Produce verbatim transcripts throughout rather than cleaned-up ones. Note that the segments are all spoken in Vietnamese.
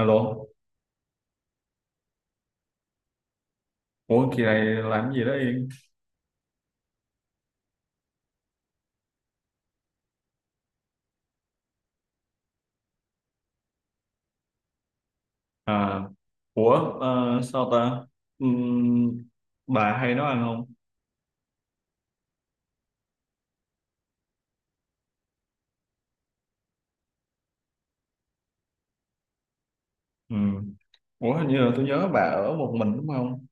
Alo, ủa kỳ này làm gì đó Yên? À, ủa, ờ, sao ta? Ừm, bà hay nấu ăn không? Ừm, Ủa hình như là tôi nhớ bà ở một mình đúng không?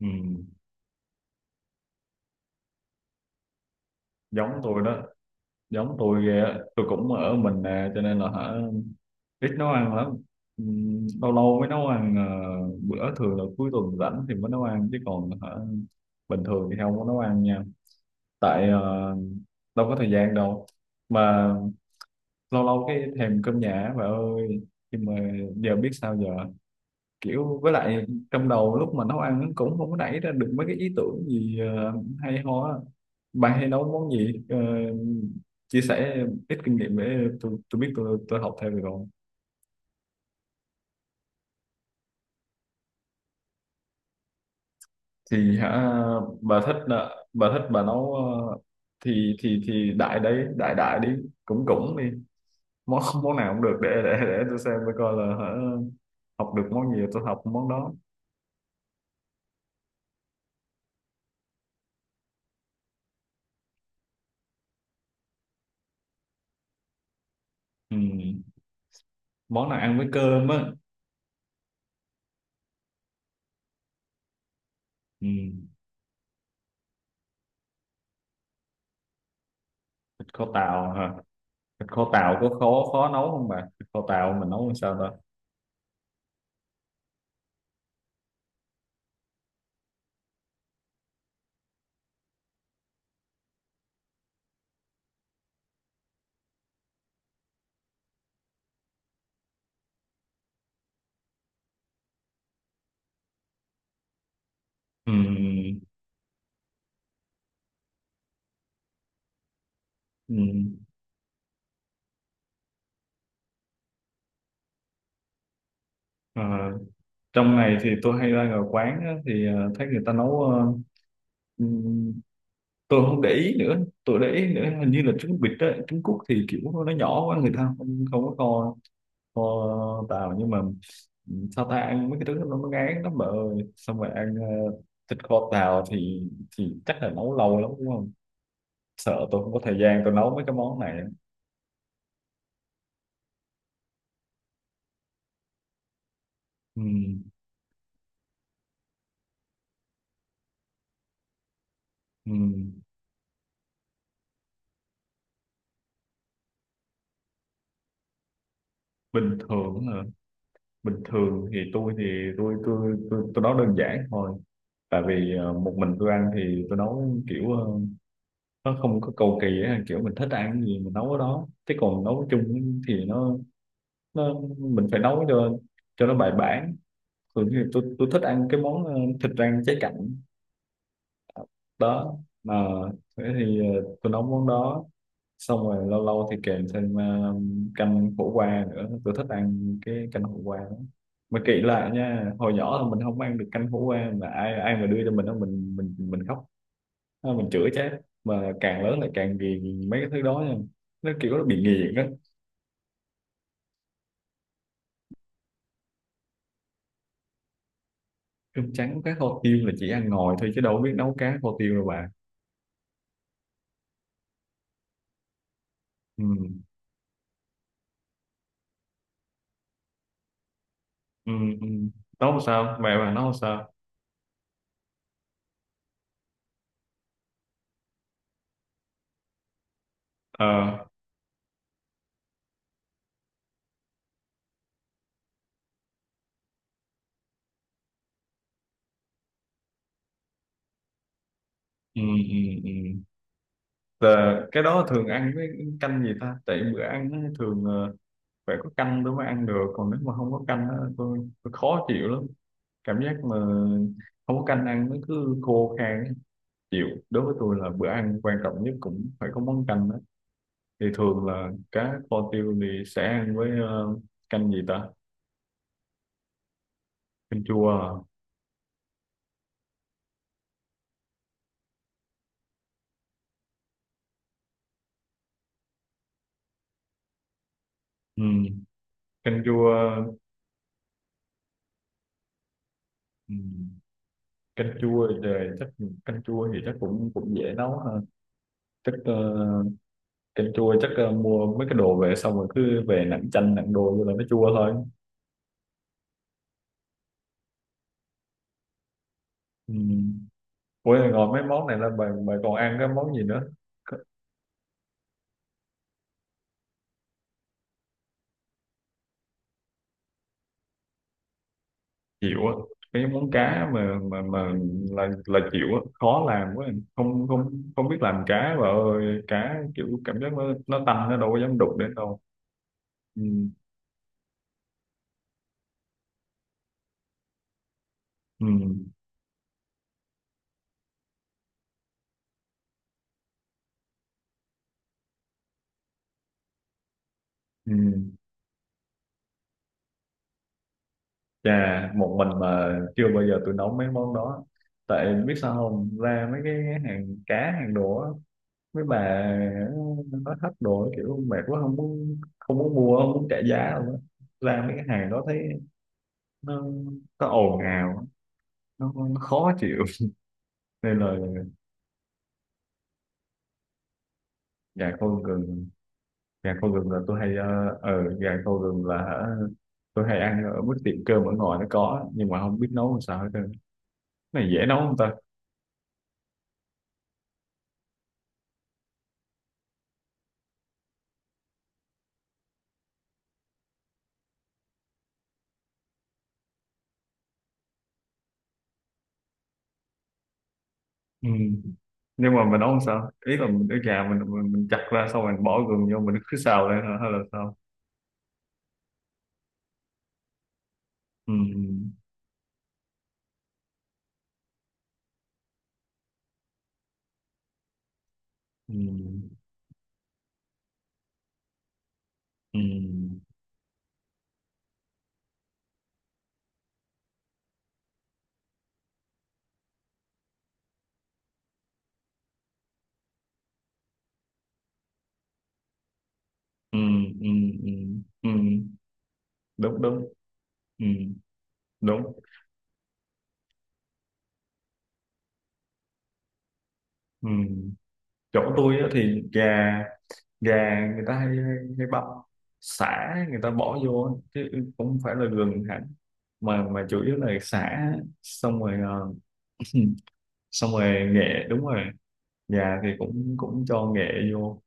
Ừm. Giống tôi đó, giống tôi ghê á. Tôi cũng ở mình nè, cho nên là hả ít nấu ăn lắm. Ừm, lâu lâu mới nấu ăn, ờ, bữa thường là cuối tuần rảnh thì mới nấu ăn, chứ còn hả bình thường thì không có nấu ăn nha. Tại ờ, đâu có thời gian đâu. Mà lâu lâu cái thèm cơm nhà bà ơi, nhưng mà giờ biết sao giờ, kiểu với lại trong đầu lúc mà nấu ăn nó cũng không có nảy ra được mấy cái ý tưởng gì ờ, hay ho á. Bạn hay nấu món gì? Ờ, Chia sẻ ít kinh nghiệm để tôi tôi biết, tôi tôi học theo được không? Thì hả bà thích, ờ, bà thích bà nấu, ờ, thì thì thì đại đấy đại đại đi, cũng cũng đi, món món nào cũng được, để để để tôi xem tôi coi là hả học được món gì tôi học món đó. Ừ. Món nào ăn với cơm á? Ừ. Thịt kho tàu hả? Thịt kho tàu có khó khó nấu không bà? Thịt kho tàu mình nấu làm sao ta? Ừ. Ừ. Ờ, trong này thì tôi hay ra ngoài quán á, thì ờ, thấy người ta nấu, ờ, ừ, tôi không để ý nữa, tôi để ý nữa hình như là trứng vịt á trứng cút thì kiểu nó nhỏ quá người ta không không có kho, kho tàu nhưng mà, ừ, sao ta, ăn mấy cái thứ nó nó ngán lắm bà ơi, xong rồi ăn ờ, thịt kho tàu thì thì chắc là nấu lâu lắm đúng không, sợ tôi không có thời gian tôi nấu mấy cái món này. Ừ. Ừ. Bình thường hả? Bình thường thì tôi thì tôi tôi tôi, tôi nấu đơn giản thôi, tại vì ờ, một mình tôi ăn thì tôi nấu kiểu ờ, nó không có cầu kỳ á, kiểu mình thích ăn cái gì mình nấu cái đó, chứ còn nấu chung thì nó nó mình phải nấu cho cho nó bài bản. Thường thì tôi tôi thích ăn cái món ờ, thịt rang cháy cạnh đó, mà thế thì ờ, tôi nấu món đó, xong rồi lâu lâu thì kèm thêm ờ, canh khổ qua nữa, tôi thích ăn cái canh khổ qua lắm. Mà kỹ lại nha, hồi nhỏ là mình không ăn được canh khổ qua mà ai ai mà đưa cho mình đó mình mình mình khóc. Ờ, mình chửi chết mà càng lớn lại càng ghiền mấy cái thứ đó nha, nó kiểu nó bị nghiện á. Cơm trắng cá kho tiêu là chỉ ăn ngồi thôi chứ đâu biết nấu cá kho tiêu đâu bà. Ừ. Ừ. Ừ. Nấu làm sao, mẹ bà nấu làm sao? Ờ. Ừ. Ừ. Ừ. Là cái đó thường ăn với canh gì ta? Tại bữa ăn nó thường ờ, phải có canh tôi mới ăn được, còn nếu mà không có canh á, tôi, tôi khó chịu lắm. Cảm giác mà không có canh ăn nó cứ khô khan á. Chịu, đối với tôi là bữa ăn quan trọng nhất cũng phải có món canh đó. Thì thường là cá kho tiêu thì sẽ ăn với ờ, canh gì ta? Canh chua à? Ừ. Canh chua. Ừ. canh chua thì chắc Canh chua thì chắc cũng cũng dễ nấu ha, chắc ờ, canh chua chắc ờ, mua mấy cái đồ về xong rồi cứ về nặn chanh nặn đồ vô là nó chua thôi. Ừ. Ủa ngồi mấy món này là bà, bà còn ăn cái món gì nữa? C- Chịu á, cái món cá mà mà mà là là chịu á, khó làm quá, không không không biết làm cá bà ơi, cá kiểu cảm giác nó nó tanh nó đâu có dám đụng đến đâu. Ừ. Ừ. Ừ. Chà, một mình mà chưa bao giờ tôi nấu mấy món đó. Tại biết sao không, ra mấy cái hàng cá hàng đồ á, mấy bà nó thách đồ kiểu mệt quá không muốn không muốn mua, không muốn trả giá đâu á. Ra mấy cái hàng đó thấy nó có ồn ào, nó, nó khó chịu nên là. gà kho gừng Gà kho gừng là tôi hay ờ ờ, gà kho gừng là hả, tôi hay ăn ở mức tiệm cơm ở ngoài nó có, nhưng mà không biết nấu làm sao hết trơn. Cái này dễ nấu không ta? Ừ. Nhưng mà mình nấu làm sao, ý là mình cái gà mình, mình mình chặt ra xong rồi mình bỏ gừng vô mình cứ xào lên hả? Hay là sao? Ừ. Ừ. Ừ. Ừ. Ừ. Ừ. Ừ. Ừ. Đúng đúng. Ừ. Đúng. Ừ. Chỗ tôi á thì gà gà người ta hay hay hay băm sả người ta bỏ vô á, chứ cũng không phải là gừng hẳn, mà mà chủ yếu là sả, xong rồi ờ, xong rồi nghệ đúng rồi, gà thì cũng cũng cho nghệ vô,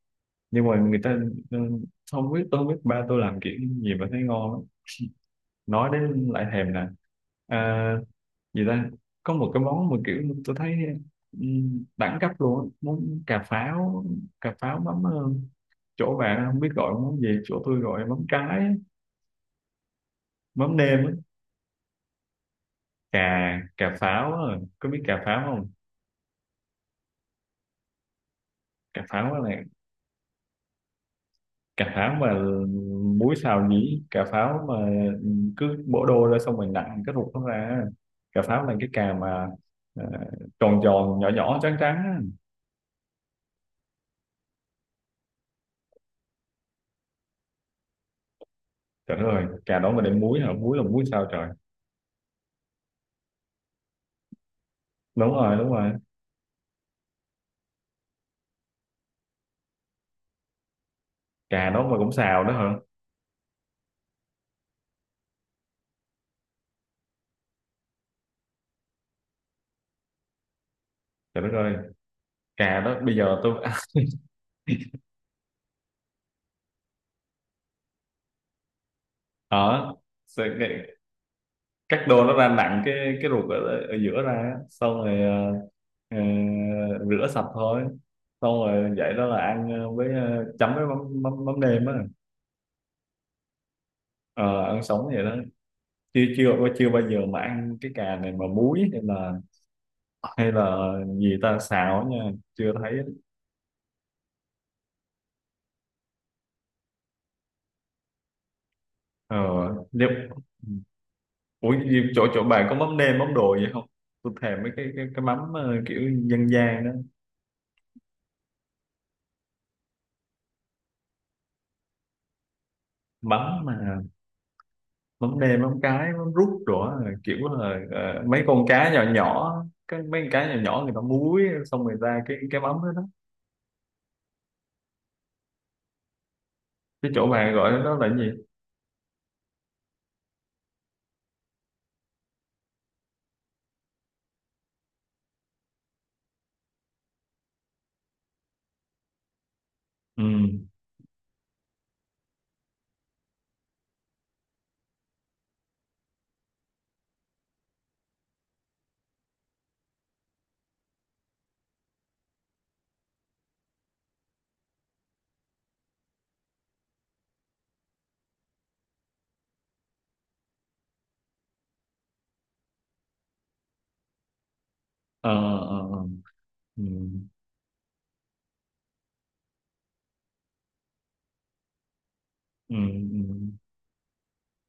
nhưng mà người ta ờ, không biết, tôi không biết ba tôi làm kiểu gì mà thấy ngon lắm, nói đến lại thèm nè. À, gì ta, có một cái món mà kiểu tôi thấy ừm, đẳng cấp luôn á. Món cà pháo, cà pháo mắm ờ, chỗ bạn không biết gọi món gì, chỗ tôi gọi mắm cái á, mắm nêm á. Cà cà pháo á. Có biết cà pháo không? Cà pháo là, cà pháo mà muối xào nhĩ, cà pháo mà cứ bổ đôi ra xong mình nặn cái ruột nó ra á. Cà pháo là cái cà mà ờ, tròn tròn nhỏ nhỏ trắng trắng á. Trời đất ơi, cà đó mà đem muối hả? Muối là muối sao trời? Đúng rồi, đúng rồi. Cà đó mà cũng xào đó hả? Trời đất ơi, cà đó bây giờ tôi ở sẽ- cái- cắt đôi nó ra, nặng cái cái ruột ở, ở giữa ra á. Xong rồi ờ, ờ, rửa sạch thôi. Xong rồi vậy đó là ăn ờ, với ờ, chấm với mắm mắm, mắm nêm á. Ờ, ăn sống vậy đó. Chưa chưa chưa bao giờ mà ăn cái cà này mà muối, hay là hay là gì ta xào á nha, chưa thấy. Ờ, nếu- Ủa gì- chỗ chỗ bạn có mắm nêm mắm đồ gì không? Tôi thèm mấy cái cái cái mắm ờ, kiểu dân gian đó, mắm mà mắm nêm mắm cái mắm rút rồi á, kiểu là ờ, mấy con cá nhỏ nhỏ, cái mấy con cá nhỏ nhỏ người ta muối xong rồi ra cái cái mắm đó đó. Cái chỗ bạn gọi đó là cái gì? Ừ. Ờ ờ ờ. Ừ. Ừ. Ừ.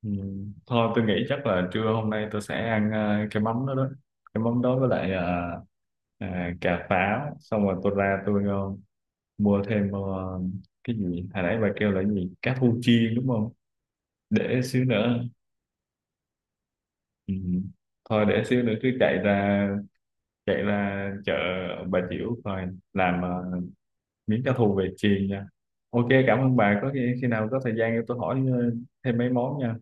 Ừ. Thôi tôi nghĩ chắc là trưa hôm nay tôi sẽ ăn ờ, cái mắm đó đó. Cái mắm đó với lại ờ, à, cà pháo, xong rồi tôi ra tôi ờ, mua thêm ờ, cái gì hồi nãy bà kêu là cái gì, cá thu chiên đúng không, để xíu nữa. Ừ. Thôi để xíu nữa cứ chạy ra chạy ra chợ Bà Chiểu coi làm ờ, miếng cá thu về chiên nha. OK, cảm ơn bà, có khi, khi nào có thời gian tôi hỏi ờ, thêm mấy món nha.